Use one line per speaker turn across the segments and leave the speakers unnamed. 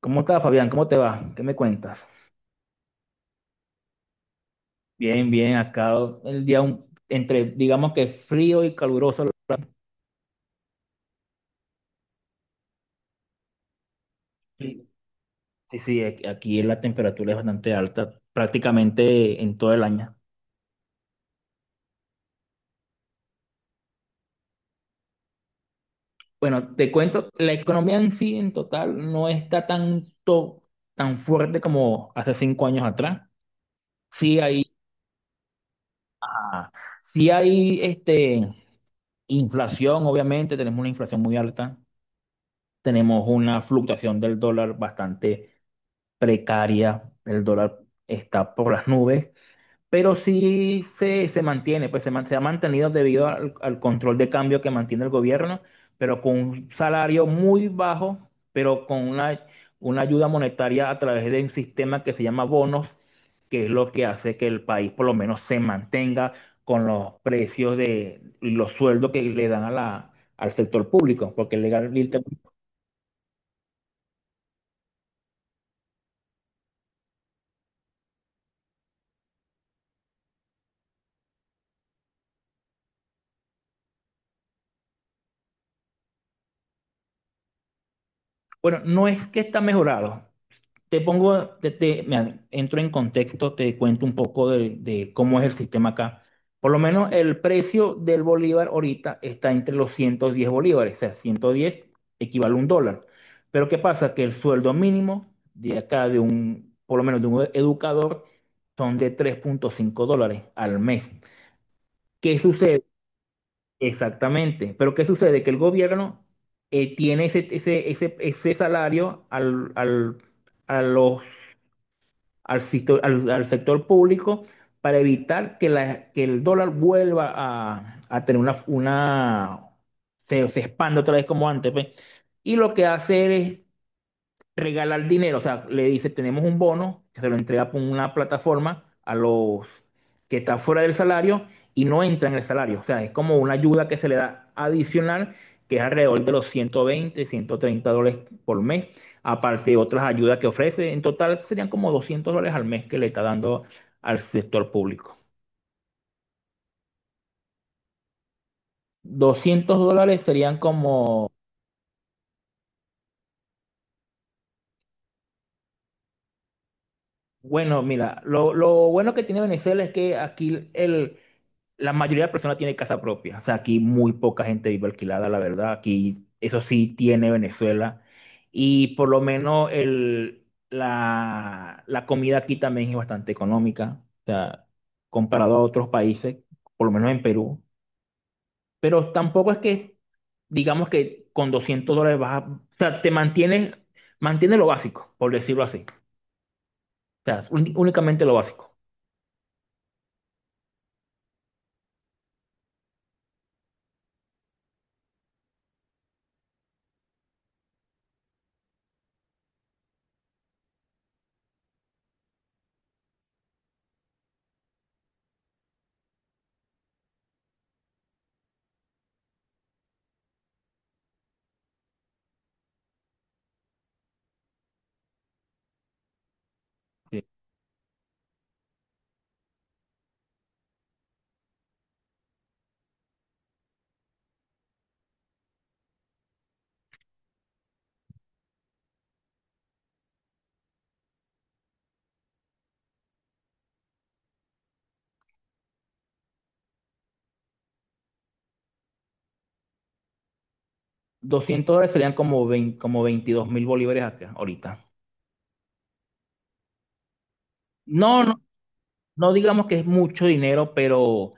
¿Cómo estás, Fabián? ¿Cómo te va? ¿Qué me cuentas? Bien, bien, acá el día un- entre, digamos que frío y caluroso. Sí, sí, sí, aquí la temperatura es bastante alta, prácticamente en todo el año. Bueno, te cuento, la economía en sí, en total, no está tanto, tan fuerte como hace 5 años atrás. Sí hay, ajá, sí hay inflación, obviamente, tenemos una inflación muy alta, tenemos una fluctuación del dólar bastante precaria, el dólar está por las nubes, pero se mantiene, se ha mantenido debido al control de cambio que mantiene el gobierno, pero con un salario muy bajo, pero una ayuda monetaria a través de un sistema que se llama bonos, que es lo que hace que el país por lo menos se mantenga con los precios de y los sueldos que le dan a al sector público, porque legal, bueno, no es que está mejorado. Te pongo, te- Mira, entro en contexto, te cuento un poco de cómo es el sistema acá. Por lo menos el precio del bolívar ahorita está entre los 110 bolívares, o sea, 110 equivale a un dólar. Pero ¿qué pasa? Que el sueldo mínimo de acá, por lo menos de un educador, son de 3,5 dólares al mes. ¿Qué sucede? Exactamente. Pero ¿qué sucede? Que el gobierno tiene ese salario al, al, a los al, sisto- al- al sector público para evitar que el dólar vuelva a tener se expanda otra vez como antes, pues. Y lo que hace es regalar dinero, o sea, le dice, tenemos un bono que se lo entrega por una plataforma a los que están fuera del salario y no entran en el salario. O sea, es como una ayuda que se le da adicional, que es alrededor de los 120, 130 dólares por mes, aparte de otras ayudas que ofrece. En total serían como 200 dólares al mes que le está dando al sector público. 200 dólares serían como. Bueno, mira, lo bueno que tiene Venezuela es que aquí la mayoría de personas tiene casa propia. O sea, aquí muy poca gente vive alquilada, la verdad. Aquí eso sí tiene Venezuela. Y por lo menos la comida aquí también es bastante económica. O sea, comparado a otros países, por lo menos en Perú. Pero tampoco es que, digamos que con 200 dólares vas a. O sea, te mantienes, mantiene lo básico, por decirlo así. O sea, únicamente lo básico. Sí. 200 dólares serían como, veinte como 22.000 bolívares acá, ahorita. No, no, no digamos que es mucho dinero, pero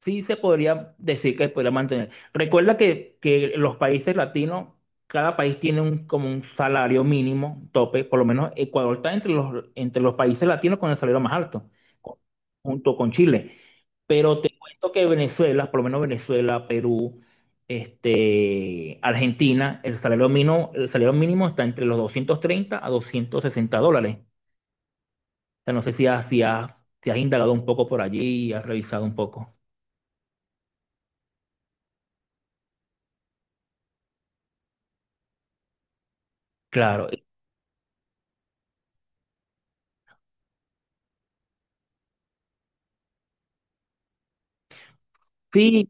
sí se podría decir que podría mantener. Recuerda que los países latinos, cada país tiene como un salario mínimo, tope, por lo menos Ecuador está entre los países latinos con el salario más alto, co- junto con Chile. Pero te cuento que Venezuela, por lo menos Venezuela, Perú, Argentina, el salario mínimo está entre los 230 a 260 dólares sea, no sé si has indagado un poco por allí y has revisado un poco. Claro, sí,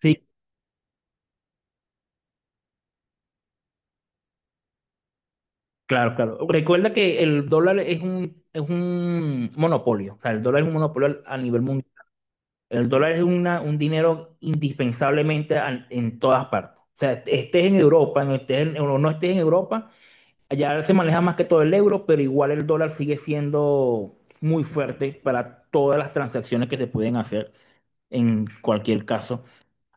sí, claro, claro. Recuerda que el dólar es un monopolio, o sea, el dólar es un monopolio a nivel mundial. El dólar es un dinero en todas partes. O sea, estés en, Europa, no o no estés en Europa, allá se maneja más que todo el euro, pero igual el dólar sigue siendo muy fuerte para todas las transacciones que se pueden hacer en cualquier caso.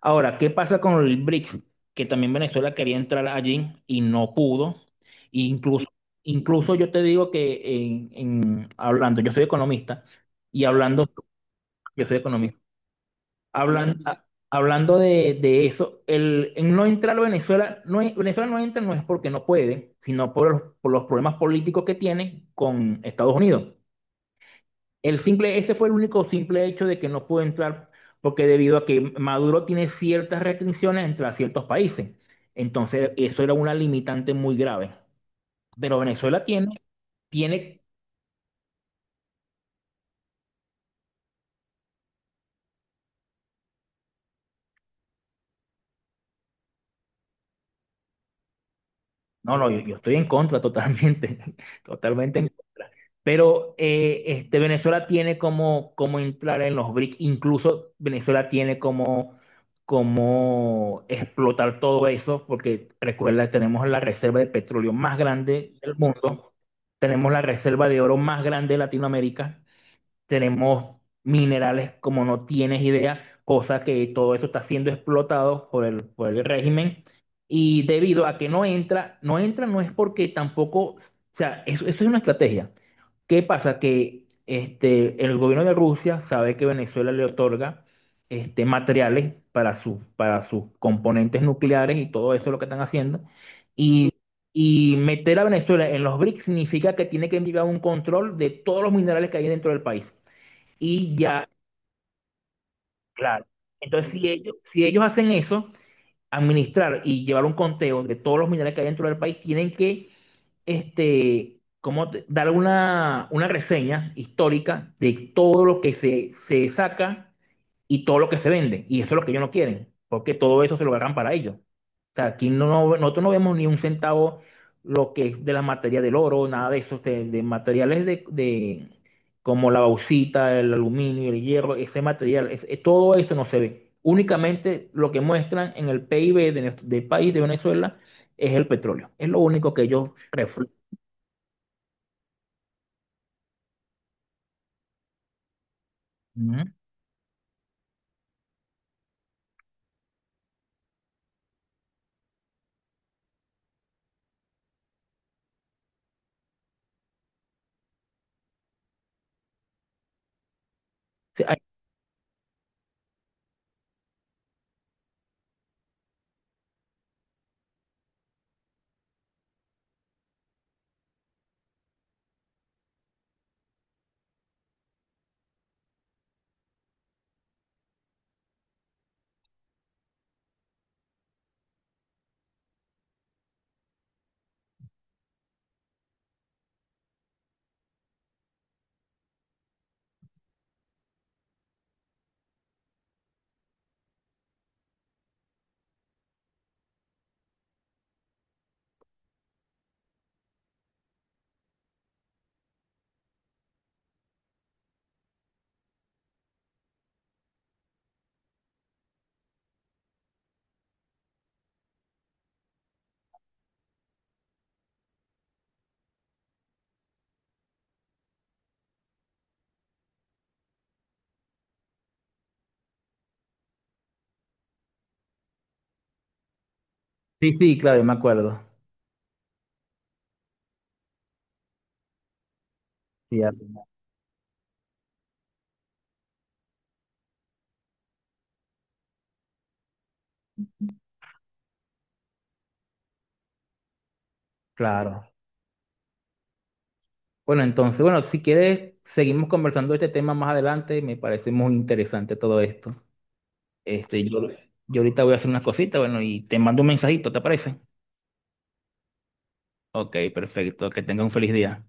Ahora, ¿qué pasa con el BRIC? Que también Venezuela quería entrar allí y no pudo. E incluso, incluso yo te digo hablando, y hablando, yo soy economista, hablan, a- hablando de eso, el, en no entrar a Venezuela, no, Venezuela no entra no es porque no puede, sino por los problemas políticos que tiene con Estados Unidos. El simple, ese fue el único simple hecho de que no pudo entrar, porque debido a que Maduro tiene ciertas restricciones entre a ciertos países. Entonces, eso era una limitante muy grave. Pero Venezuela tiene. No, no, yo estoy en contra totalmente, totalmente en contra. Pero Venezuela tiene como entrar en los BRICS, incluso Venezuela tiene como explotar todo eso, porque recuerda, tenemos la reserva de petróleo más grande del mundo, tenemos la reserva de oro más grande de Latinoamérica, tenemos minerales como no tienes idea, cosa que todo eso está siendo explotado por el régimen y debido a que no entra, no entra no es porque tampoco, o sea, eso es una estrategia. ¿Qué pasa? Que el gobierno de Rusia sabe que Venezuela le otorga materiales para sus componentes nucleares y todo eso es lo que están haciendo. Y, y meter a Venezuela en los BRICS significa que tiene que enviar un control de todos los minerales que hay dentro del país. Y ya, claro. Entonces, si ellos hacen eso, administrar y llevar un conteo de todos los minerales que hay dentro del país, tienen que dar una reseña histórica de todo lo que se saca y todo lo que se vende. Y eso es lo que ellos no quieren, porque todo eso se lo agarran para ellos. O sea, aquí nosotros no vemos ni un centavo lo que es de la materia del oro, nada de eso, de materiales de- como la bauxita, el aluminio, el hierro, ese material, todo eso no se ve. Únicamente lo que muestran en el PIB de del país de Venezuela es el petróleo. Es lo único que ellos. Ujú. Sí, ay, sí, sí, claro, me acuerdo. Sí, así, claro. Bueno, entonces, bueno, si quieres, seguimos conversando de este tema más adelante. Me parece muy interesante todo esto. Este, yo, yo ahorita voy a hacer unas cositas, bueno, y te mando un mensajito, ¿te parece? Ok, perfecto. Que tenga un feliz día.